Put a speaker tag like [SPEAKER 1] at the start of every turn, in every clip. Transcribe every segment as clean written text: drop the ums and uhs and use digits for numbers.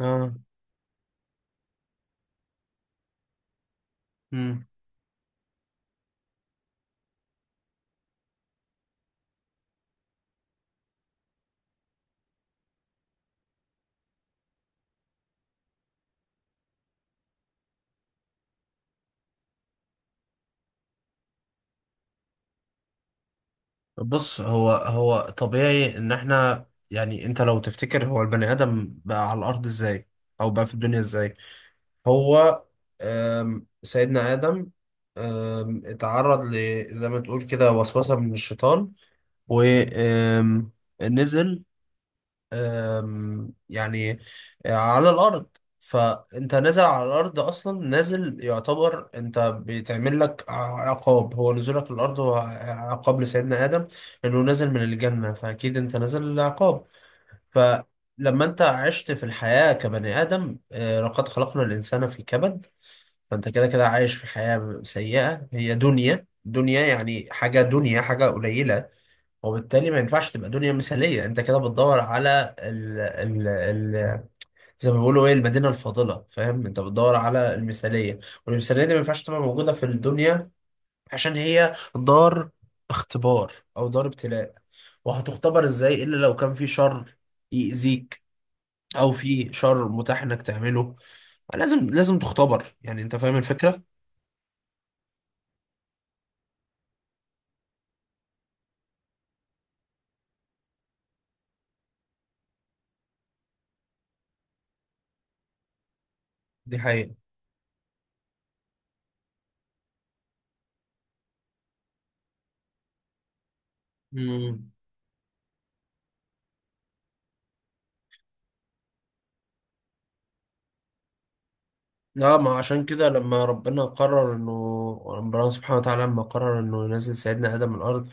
[SPEAKER 1] اه. مم. بص، هو طبيعي ان احنا، يعني انت لو تفتكر، هو البني ادم بقى على الارض ازاي؟ او بقى في الدنيا ازاي؟ هو سيدنا ادم اتعرض ل، زي ما تقول كده، وسوسة من الشيطان، ونزل يعني على الارض. فانت نازل على الارض اصلا، نازل يعتبر انت بيتعمل لك عقاب، هو نزولك الارض هو عقاب لسيدنا ادم، انه نازل من الجنه، فاكيد انت نازل عقاب. فلما انت عشت في الحياه كبني ادم، لقد خلقنا الانسان في كبد. فانت كده كده عايش في حياه سيئه، هي دنيا دنيا، يعني حاجه دنيا، حاجه قليله، وبالتالي ما ينفعش تبقى دنيا مثالية. انت كده بتدور على ال ال ال زي ما بيقولوا، ايه، المدينة الفاضلة. فاهم؟ انت بتدور على المثالية، والمثالية دي ما ينفعش تبقى موجودة في الدنيا، عشان هي دار اختبار، او دار ابتلاء. وهتختبر ازاي الا لو كان في شر يأذيك، او في شر متاح انك تعمله؟ لازم لازم تختبر. يعني انت فاهم الفكرة. دي حقيقة. مم. لا، ما عشان كده لما ربنا قرر انه ربنا سبحانه وتعالى لما قرر انه ينزل سيدنا ادم الارض،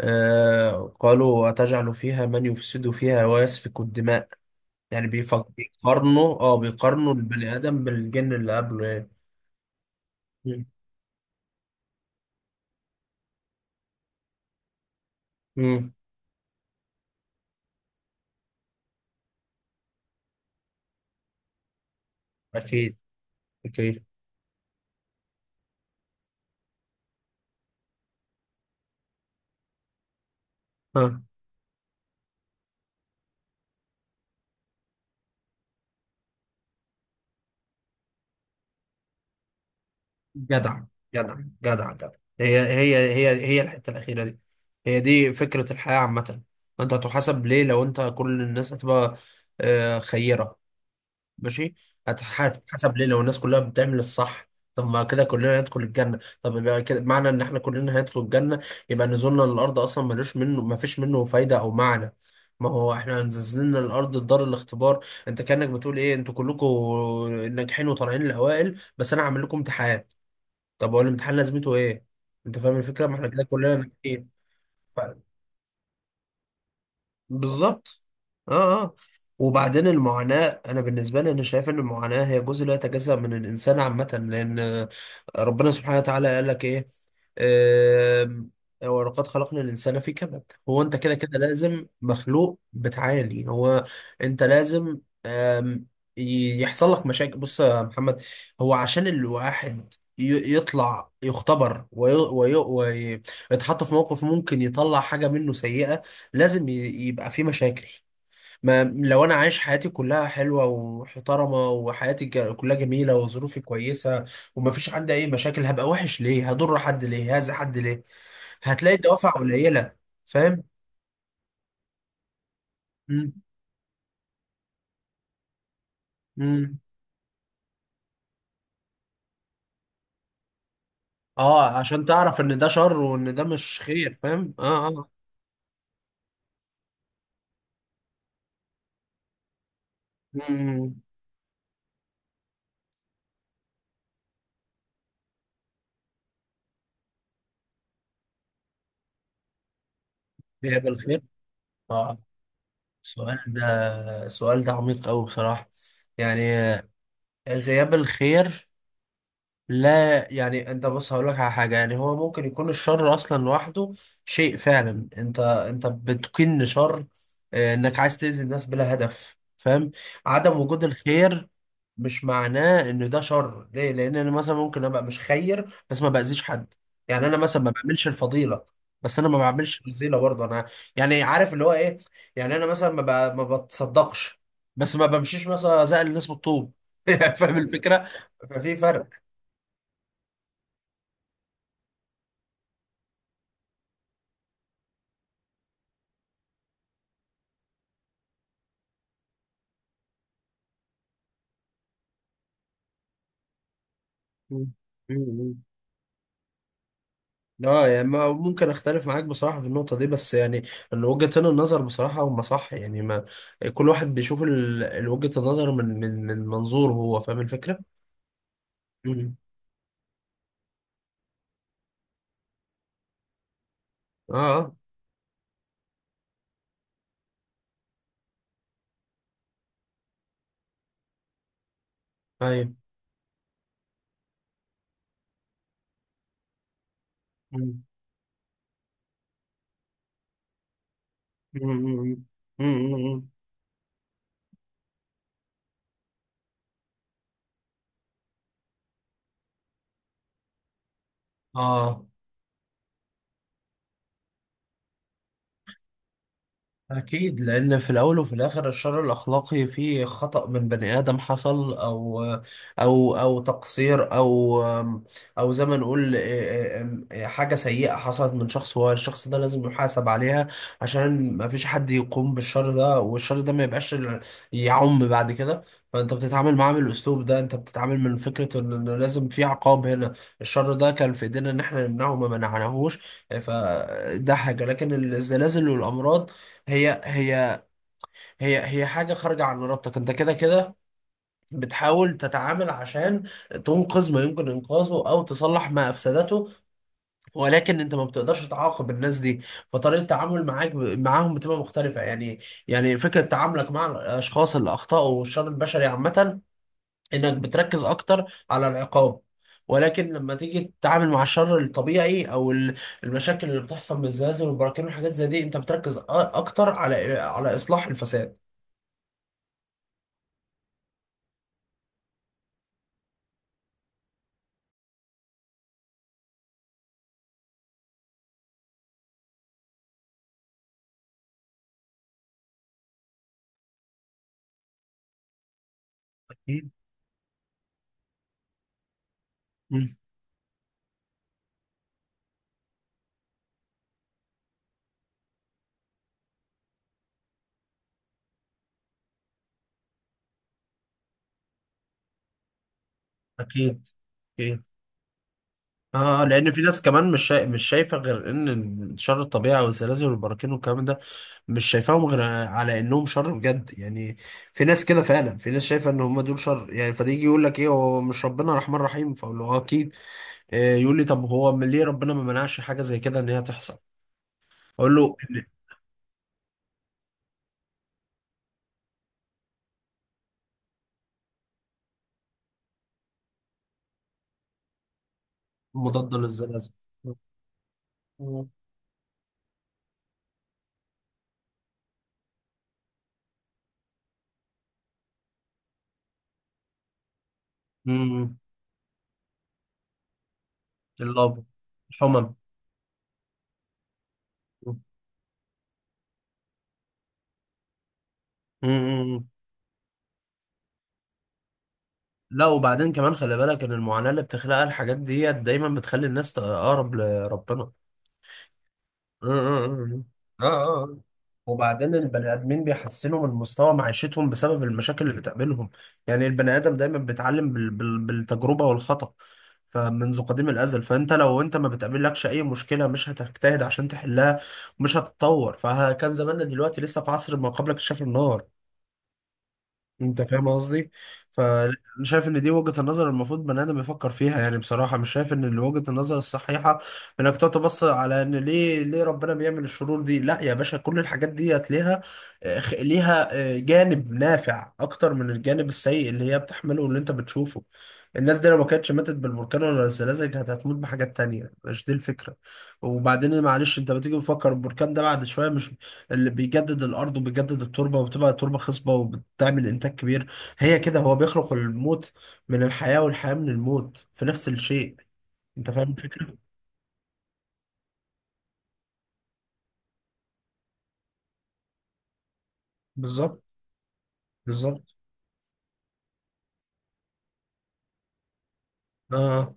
[SPEAKER 1] قالوا اتجعل فيها من يفسد فيها ويسفك الدماء. يعني بيقارنوا، البني ادم بالجن اللي قبله، يعني. مم. مم. اكيد. اكيد. ها. جدع. جدع. جدع. جدع. هي الحته الاخيره دي، هي دي فكره الحياه عامه. انت هتحاسب ليه لو انت، كل الناس هتبقى خيره؟ ماشي. هتتحسب ليه لو الناس كلها بتعمل الصح؟ طب ما كده كلنا هندخل الجنة، طب يبقى كده معنى ان احنا كلنا هندخل الجنة، يبقى نزولنا للأرض أصلا ملوش منه ما فيش منه فايدة أو معنى. ما هو احنا نزلنا للأرض دار الاختبار، انت كأنك بتقول ايه، انتوا كلكم ناجحين وطالعين الأوائل، بس انا هعمل لكم امتحان. طب هو الامتحان لازمته ايه؟ انت فاهم الفكرة، ما احنا كده كلنا ناجحين. بالظبط. اه. اه. وبعدين المعاناة، أنا بالنسبة لي أنا شايف إن المعاناة هي جزء لا يتجزأ من الإنسان عامة، لأن ربنا سبحانه وتعالى قال لك إيه، آم، ولقد خلقنا الإنسان في كبد. هو أنت كده كده لازم مخلوق بتعاني. هو أنت لازم، آم، يحصل لك مشاكل. بص يا محمد، هو عشان الواحد يطلع يختبر، ويتحط في موقف ممكن يطلع حاجة منه سيئة، لازم يبقى في مشاكل. ما لو انا عايش حياتي كلها حلوه ومحترمه، وحياتي كلها جميله، وظروفي كويسه، ومفيش عندي اي مشاكل، هبقى وحش ليه؟ هضر حد ليه؟ هاذي حد ليه؟ هتلاقي الدوافع قليله. فاهم. مم. مم. اه، عشان تعرف ان ده شر وان ده مش خير. فاهم. اه. اه. مم. بيقبل الخير. اه. السؤال ده السؤال ده عميق قوي بصراحه، يعني. غياب الخير؟ لا، يعني انت بص هقول لك على حاجه، يعني هو ممكن يكون الشر اصلا لوحده شيء فعلا، انت بتكن شر، انك عايز تاذي الناس بلا هدف. فاهم. عدم وجود الخير مش معناه ان ده شر، ليه؟ لان انا مثلا ممكن ابقى مش خير، بس ما باذيش حد. يعني انا مثلا ما بعملش الفضيله، بس انا ما بعملش رذيله برضه انا. يعني عارف اللي هو ايه، يعني انا مثلا ما بتصدقش، بس ما بمشيش مثلا ازعل الناس بالطوب. فاهم الفكره. ففي فرق. مم. مم. اه، يعني ممكن اختلف معاك بصراحة في النقطة دي، بس يعني ان وجهتين النظر بصراحة هما صح، يعني ما كل واحد بيشوف وجهة النظر من منظوره هو. فاهم الفكرة؟ مم. اه. اه. ايوه. مم. مم. مم. مم. مم. اه. أكيد، لأن في الأول وفي الآخر الشر الأخلاقي فيه خطأ من بني آدم حصل، أو تقصير، أو زي ما نقول، حاجة سيئة حصلت من شخص، والشخص ده لازم يحاسب عليها، عشان ما فيش حد يقوم بالشر ده، والشر ده ما يبقاش يعم بعد كده. فأنت بتتعامل معاه بالأسلوب ده، أنت بتتعامل من فكرة إن لازم في عقاب هنا. الشر ده كان في إيدينا إن إحنا نمنعه، ما منعناهوش، فده حاجة. لكن الزلازل والأمراض، هي هي هي حاجة خارجة عن إرادتك، أنت كده كده بتحاول تتعامل عشان تنقذ ما يمكن إنقاذه، أو تصلح ما أفسدته، ولكن أنت ما بتقدرش تعاقب الناس دي. فطريقة التعامل معاك معاهم بتبقى مختلفة، يعني. يعني فكرة تعاملك مع الأشخاص اللي أخطأوا والشر البشري عامة، إنك بتركز أكتر على العقاب. ولكن لما تيجي تتعامل مع الشر الطبيعي، او المشاكل اللي بتحصل من الزلازل والبراكين والحاجات زي دي، انت بتركز اكتر على اصلاح الفساد. مم. أكيد. أكيد. آه، لأن في ناس كمان مش شايفة غير إن شر الطبيعة والزلازل والبراكين والكلام ده، مش شايفاهم غير على إنهم شر بجد، يعني. في ناس كده فعلا، في ناس شايفة إن هم دول شر، يعني فده يجي يقول لك إيه، هو مش ربنا رحمن رحيم؟ فأقول له آه أكيد. آه، يقول لي طب هو ليه ربنا ما منعش حاجة زي كده إن هي تحصل؟ أقول له إن، مضاد للزلازل. مم. مم. اللافا، الحمم. مم. لا، وبعدين كمان خلي بالك ان المعاناة اللي بتخلقها الحاجات ديت دايما بتخلي الناس تقرب لربنا. اه. اه. اه. آه. آه. وبعدين البني ادمين بيحسنوا من مستوى معيشتهم بسبب المشاكل اللي بتقابلهم، يعني البني ادم دايما بيتعلم بالتجربة والخطأ. فمنذ قديم الازل، فانت لو انت ما بتقابلكش اي مشكلة، مش هتجتهد عشان تحلها، ومش هتتطور، فكان زماننا دلوقتي لسه في عصر ما قبل اكتشاف النار. انت فاهم قصدي. فانا شايف ان دي وجهة النظر المفروض بني ادم يفكر فيها، يعني بصراحة مش شايف ان وجهة النظر الصحيحة انك تقعد تبص على ان ليه ربنا بيعمل الشرور دي. لا يا باشا، كل الحاجات دي هتلاقيها ليها جانب نافع اكتر من الجانب السيء اللي هي بتحمله، واللي انت بتشوفه. الناس دي لو ما كانتش ماتت بالبركان ولا الزلازل، كانت هتموت بحاجات تانية. مش دي الفكرة. وبعدين معلش، انت بتيجي تفكر البركان ده بعد شوية، مش اللي بيجدد الارض وبيجدد التربه، وبتبقى التربه خصبه وبتعمل انتاج كبير؟ هي كده، هو بيخلق الموت من الحياه، والحياه من الموت، في نفس الشيء. انت فاهم الفكره. بالظبط. بالظبط. اه.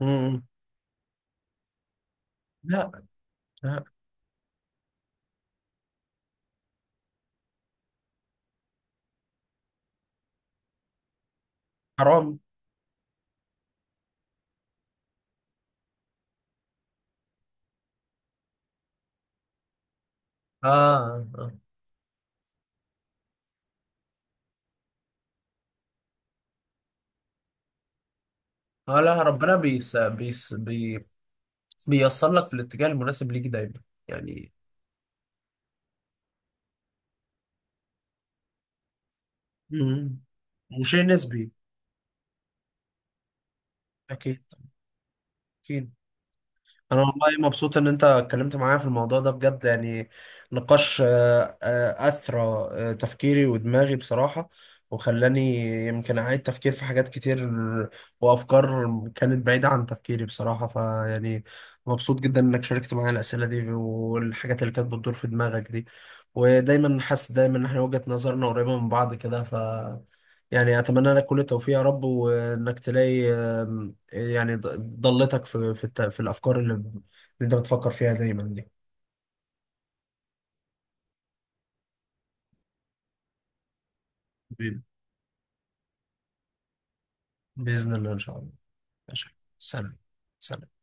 [SPEAKER 1] مم. لا. لا. حرام. اه. اه. آه، لا ربنا بيس بيس بي بيوصل لك في الاتجاه المناسب ليك دايما، يعني. مم. وشيء نسبي. اكيد. اكيد. انا والله مبسوط ان انت اتكلمت معايا في الموضوع ده بجد، يعني. نقاش، اثرى تفكيري ودماغي بصراحة، وخلاني يمكن اعيد تفكير في حاجات كتير، وافكار كانت بعيدة عن تفكيري بصراحة، فيعني. مبسوط جدا انك شاركت معايا الاسئلة دي والحاجات اللي كانت بتدور في دماغك دي، ودايما حاسس دايما ان احنا وجهة نظرنا قريبة من بعض كده، ف، يعني اتمنى لك كل التوفيق يا رب، وانك تلاقي يعني ضلتك في الافكار اللي انت بتفكر فيها دايما دي. ب- باذن الله. ان شاء الله. ماشي. سلام. سلام.